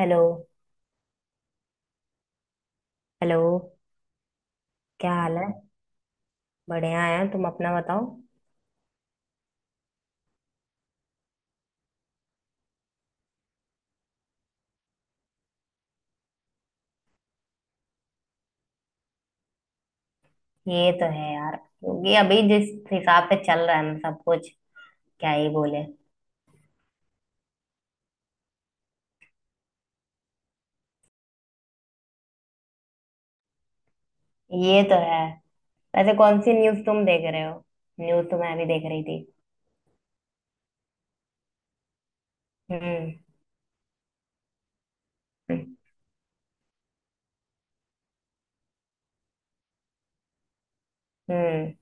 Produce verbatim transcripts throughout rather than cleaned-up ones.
Hello. Hello. क्या हाल है? बढ़िया है। तुम अपना बताओ। ये तो है यार, क्योंकि अभी जिस हिसाब से चल रहा है ना सब कुछ, क्या ही बोले। ये तो है। वैसे कौन सी न्यूज़ तुम देख रहे हो? न्यूज़ तो मैं भी देख रही थी। हम्म। हम्म। हम्म।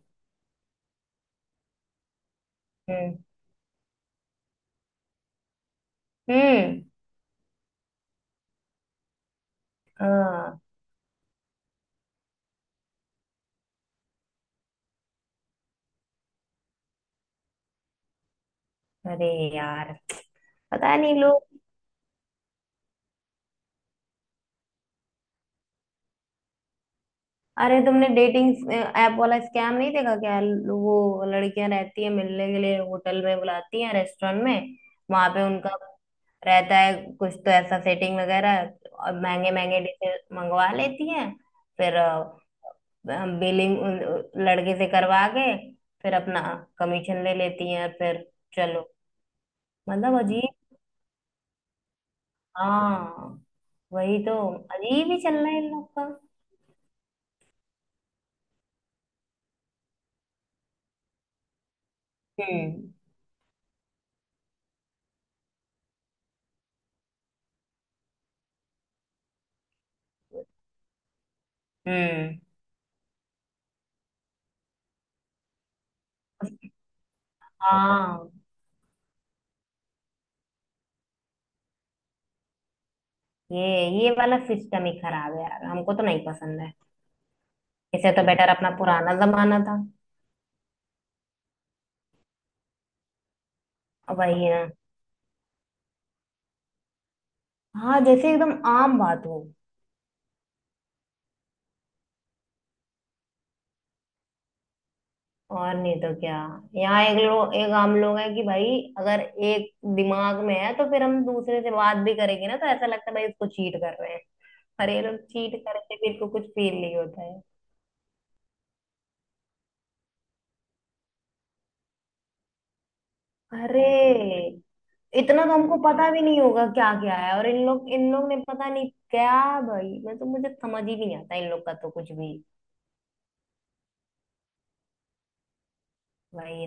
हम्म। हम्म, हाँ। अरे यार, पता नहीं लोग। अरे तुमने डेटिंग ऐप वाला स्कैम नहीं देखा क्या? ल- वो लड़कियां रहती है, मिलने के लिए होटल में बुलाती हैं, रेस्टोरेंट में। वहां पे उनका रहता है कुछ तो ऐसा सेटिंग वगैरह, और महंगे महंगे डिशेज मंगवा लेती हैं। फिर बिलिंग लड़के से करवा के फिर अपना कमीशन ले लेती हैं, और फिर चलो। मतलब अजीब। हाँ। वही तो। अजीब ही चल रहा है इन लोग का। हम्म। हम्म। हाँ। ये ये वाला सिस्टम ही खराब है यार, हमको तो नहीं पसंद है। इससे तो बेटर अपना पुराना जमाना था। अब वही ना। हाँ, जैसे एकदम आम बात हो। और नहीं तो क्या। यहाँ एक लोग एक आम लोग है कि भाई अगर एक दिमाग में है तो फिर हम दूसरे से बात भी करेंगे ना, तो ऐसा लगता है भाई इसको चीट कर रहे हैं। अरे ये लोग चीट करके भी इनको कुछ फील नहीं होता है। अरे इतना तो हमको पता भी नहीं होगा क्या क्या है, और इन लोग इन लोग ने पता नहीं क्या। भाई मैं तो मुझे समझ ही नहीं आता इन लोग का तो कुछ भी। वही।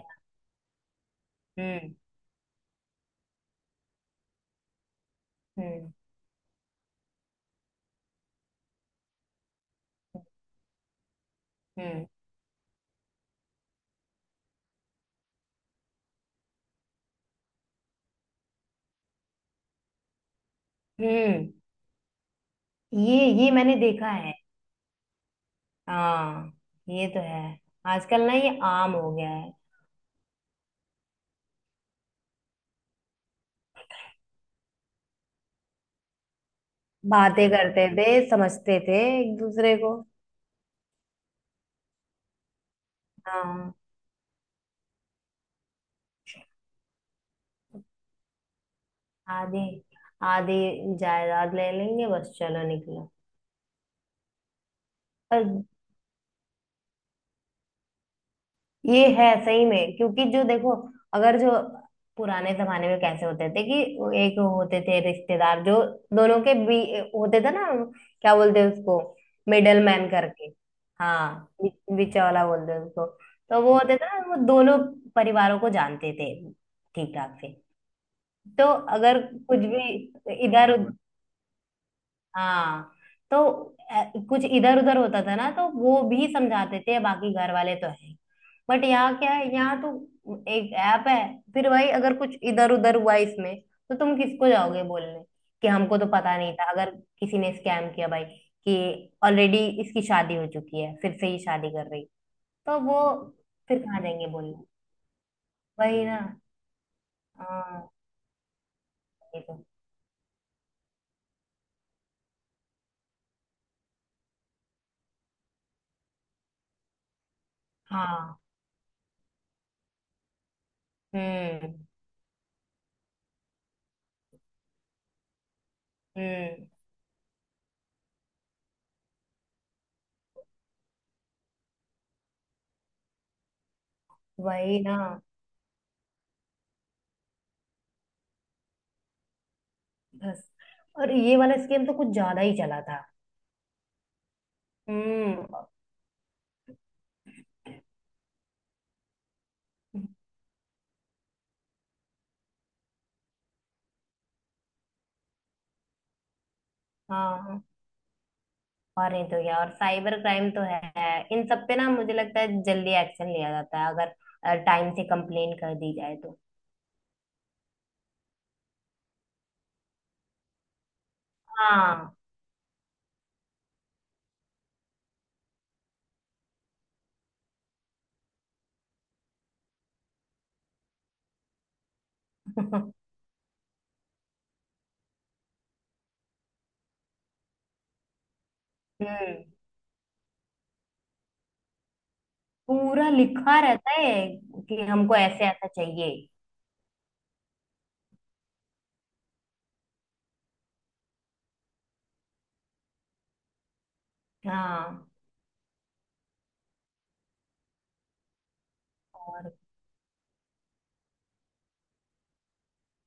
हम्म। हम्म। हम्म। हम्म। ये ये मैंने देखा है। हाँ। ये तो है। आजकल ना ये आम हो गया है। बातें करते थे। समझते थे एक दूसरे को। हाँ। आधी आधी जायदाद ले लेंगे, बस चलो निकलो। पर ये है सही में, क्योंकि जो देखो अगर जो पुराने जमाने में कैसे होते थे कि वो एक होते थे रिश्तेदार जो दोनों के भी होते थे ना, क्या बोलते हैं उसको? मिडल मैन करके। हाँ, बी- बीचा वाला बोलते हैं उसको, तो वो होते थे ना वो दोनों परिवारों को जानते थे ठीक ठाक से। तो अगर कुछ भी इधर, हाँ। तो अ, कुछ इधर उधर होता था ना तो वो भी समझाते थे बाकी घर वाले तो है। बट यहाँ क्या है? यहाँ तो एक ऐप है। फिर भाई अगर कुछ इधर उधर हुआ इसमें तो तुम किसको जाओगे बोलने कि हमको तो पता नहीं था, अगर किसी ने स्कैम किया भाई कि ऑलरेडी इसकी शादी हो चुकी है फिर से ही शादी कर रही। तो वो फिर कहाँ जाएंगे बोलने। वही ना। हाँ। वही तो। हाँ। हम्म। हम्म। वही ना, बस। और ये वाला स्कैम तो कुछ ज्यादा ही चला था। हम्म। हाँ। और नहीं तो क्या, और साइबर क्राइम तो है इन सब पे ना, मुझे लगता है जल्दी एक्शन लिया जाता है अगर टाइम से कंप्लेन कर दी जाए तो। हाँ। हम्म। पूरा लिखा रहता है कि हमको ऐसे ऐसा चाहिए। हाँ। और।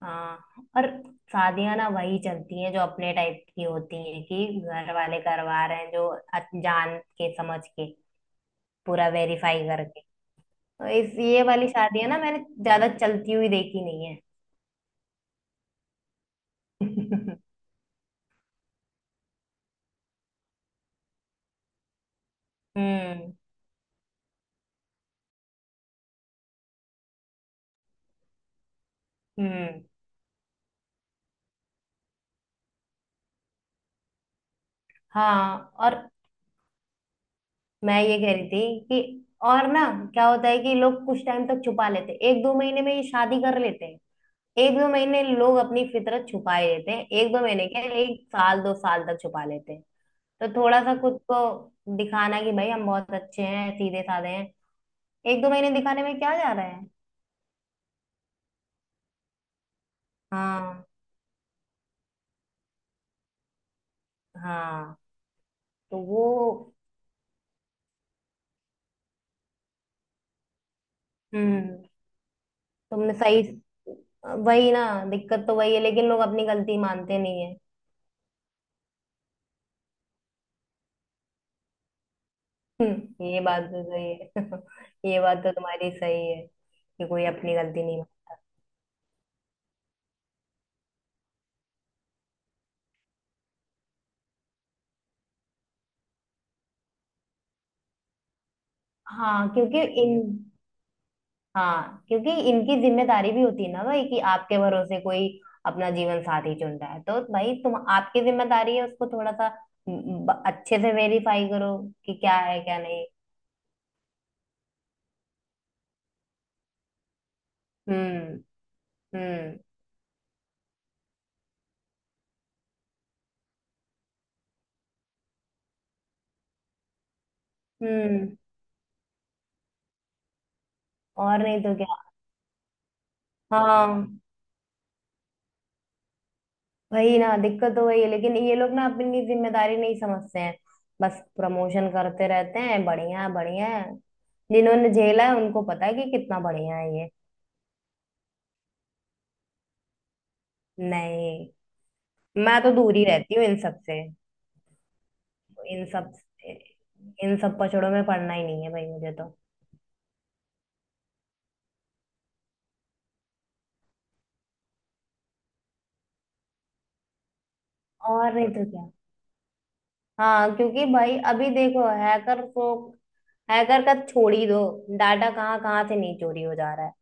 हाँ। और शादियां ना वही चलती हैं जो अपने टाइप की होती हैं, कि घर वाले करवा रहे हैं जो, अ- जान के समझ के पूरा वेरीफाई करके। इस ये वाली शादियां ना मैंने ज्यादा चलती हुई देखी नहीं है। हम्म। हम्म। हाँ। और मैं ये कह रही थी कि, और ना, क्या होता है कि लोग कुछ टाइम तक छुपा लेते हैं एक दो महीने में ये शादी कर लेते हैं। एक दो महीने लोग अपनी फितरत छुपाए रहते हैं, एक दो महीने के एक साल दो साल तक छुपा लेते हैं। तो थोड़ा सा खुद को दिखाना कि भाई हम बहुत अच्छे हैं सीधे साधे हैं। एक दो महीने दिखाने में क्या जा रहा है। हाँ। हाँ। तो वो। हम्म। तुमने सही। वही ना, दिक्कत तो वही है, लेकिन लोग अपनी गलती मानते नहीं है। हम्म, ये बात तो सही है। ये बात तो तुम्हारी सही है कि कोई अपनी गलती नहीं मानता। हाँ क्योंकि इन। हाँ क्योंकि इनकी जिम्मेदारी भी होती है ना भाई कि आपके भरोसे कोई अपना जीवन साथी चुन रहा है, तो भाई तुम आपकी जिम्मेदारी है उसको थोड़ा सा, ब- अच्छे से वेरीफाई करो कि क्या है क्या नहीं। हम्म। हम्म। हम्म। और नहीं तो क्या। हाँ। वही ना, दिक्कत तो वही है, लेकिन ये लोग ना अपनी जिम्मेदारी नहीं समझते हैं। बस प्रमोशन करते रहते हैं, बढ़िया है, बढ़िया है। जिन्होंने झेला है उनको पता है कि कितना बढ़िया है ये। नहीं। मैं तो दूर ही रहती हूँ इन सब से। इन सब। इन सब पचड़ों में पड़ना ही नहीं है भाई मुझे तो। और नहीं तो क्या। हाँ क्योंकि भाई अभी देखो हैकर को। हैकर का छोड़ ही दो। डाटा कहाँ कहाँ से नहीं चोरी हो जा रहा है।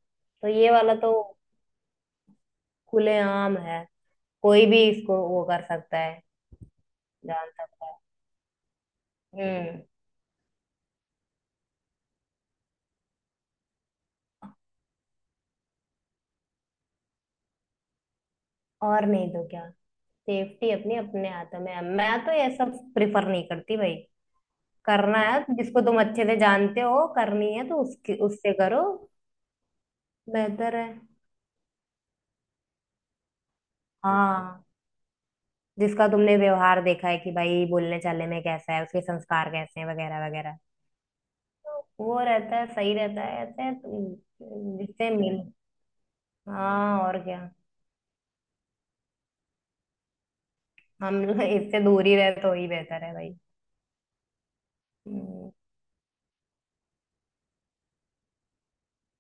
तो ये वाला तो खुलेआम है। कोई भी इसको वो कर सकता है, जान सकता है। हम्म। और नहीं तो क्या। सेफ्टी अपनी अपने हाथ में है, मैं तो ये सब प्रिफर नहीं करती भाई। करना है जिसको तुम अच्छे से जानते हो, करनी है तो उसकी उससे करो। बेहतर है। हाँ। जिसका तुमने व्यवहार देखा है कि भाई बोलने चालने में कैसा है उसके संस्कार कैसे हैं वगैरह वगैरह। तो वो रहता है सही रहता है ऐसे, तुम- जिससे मिल। हाँ और क्या। हम लोग इससे दूर ही रहे तो ही बेहतर है भाई। हम्म,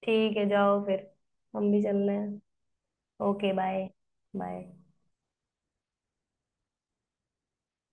ठीक है जाओ फिर। हम भी चल रहे हैं। Okay bye. बाय।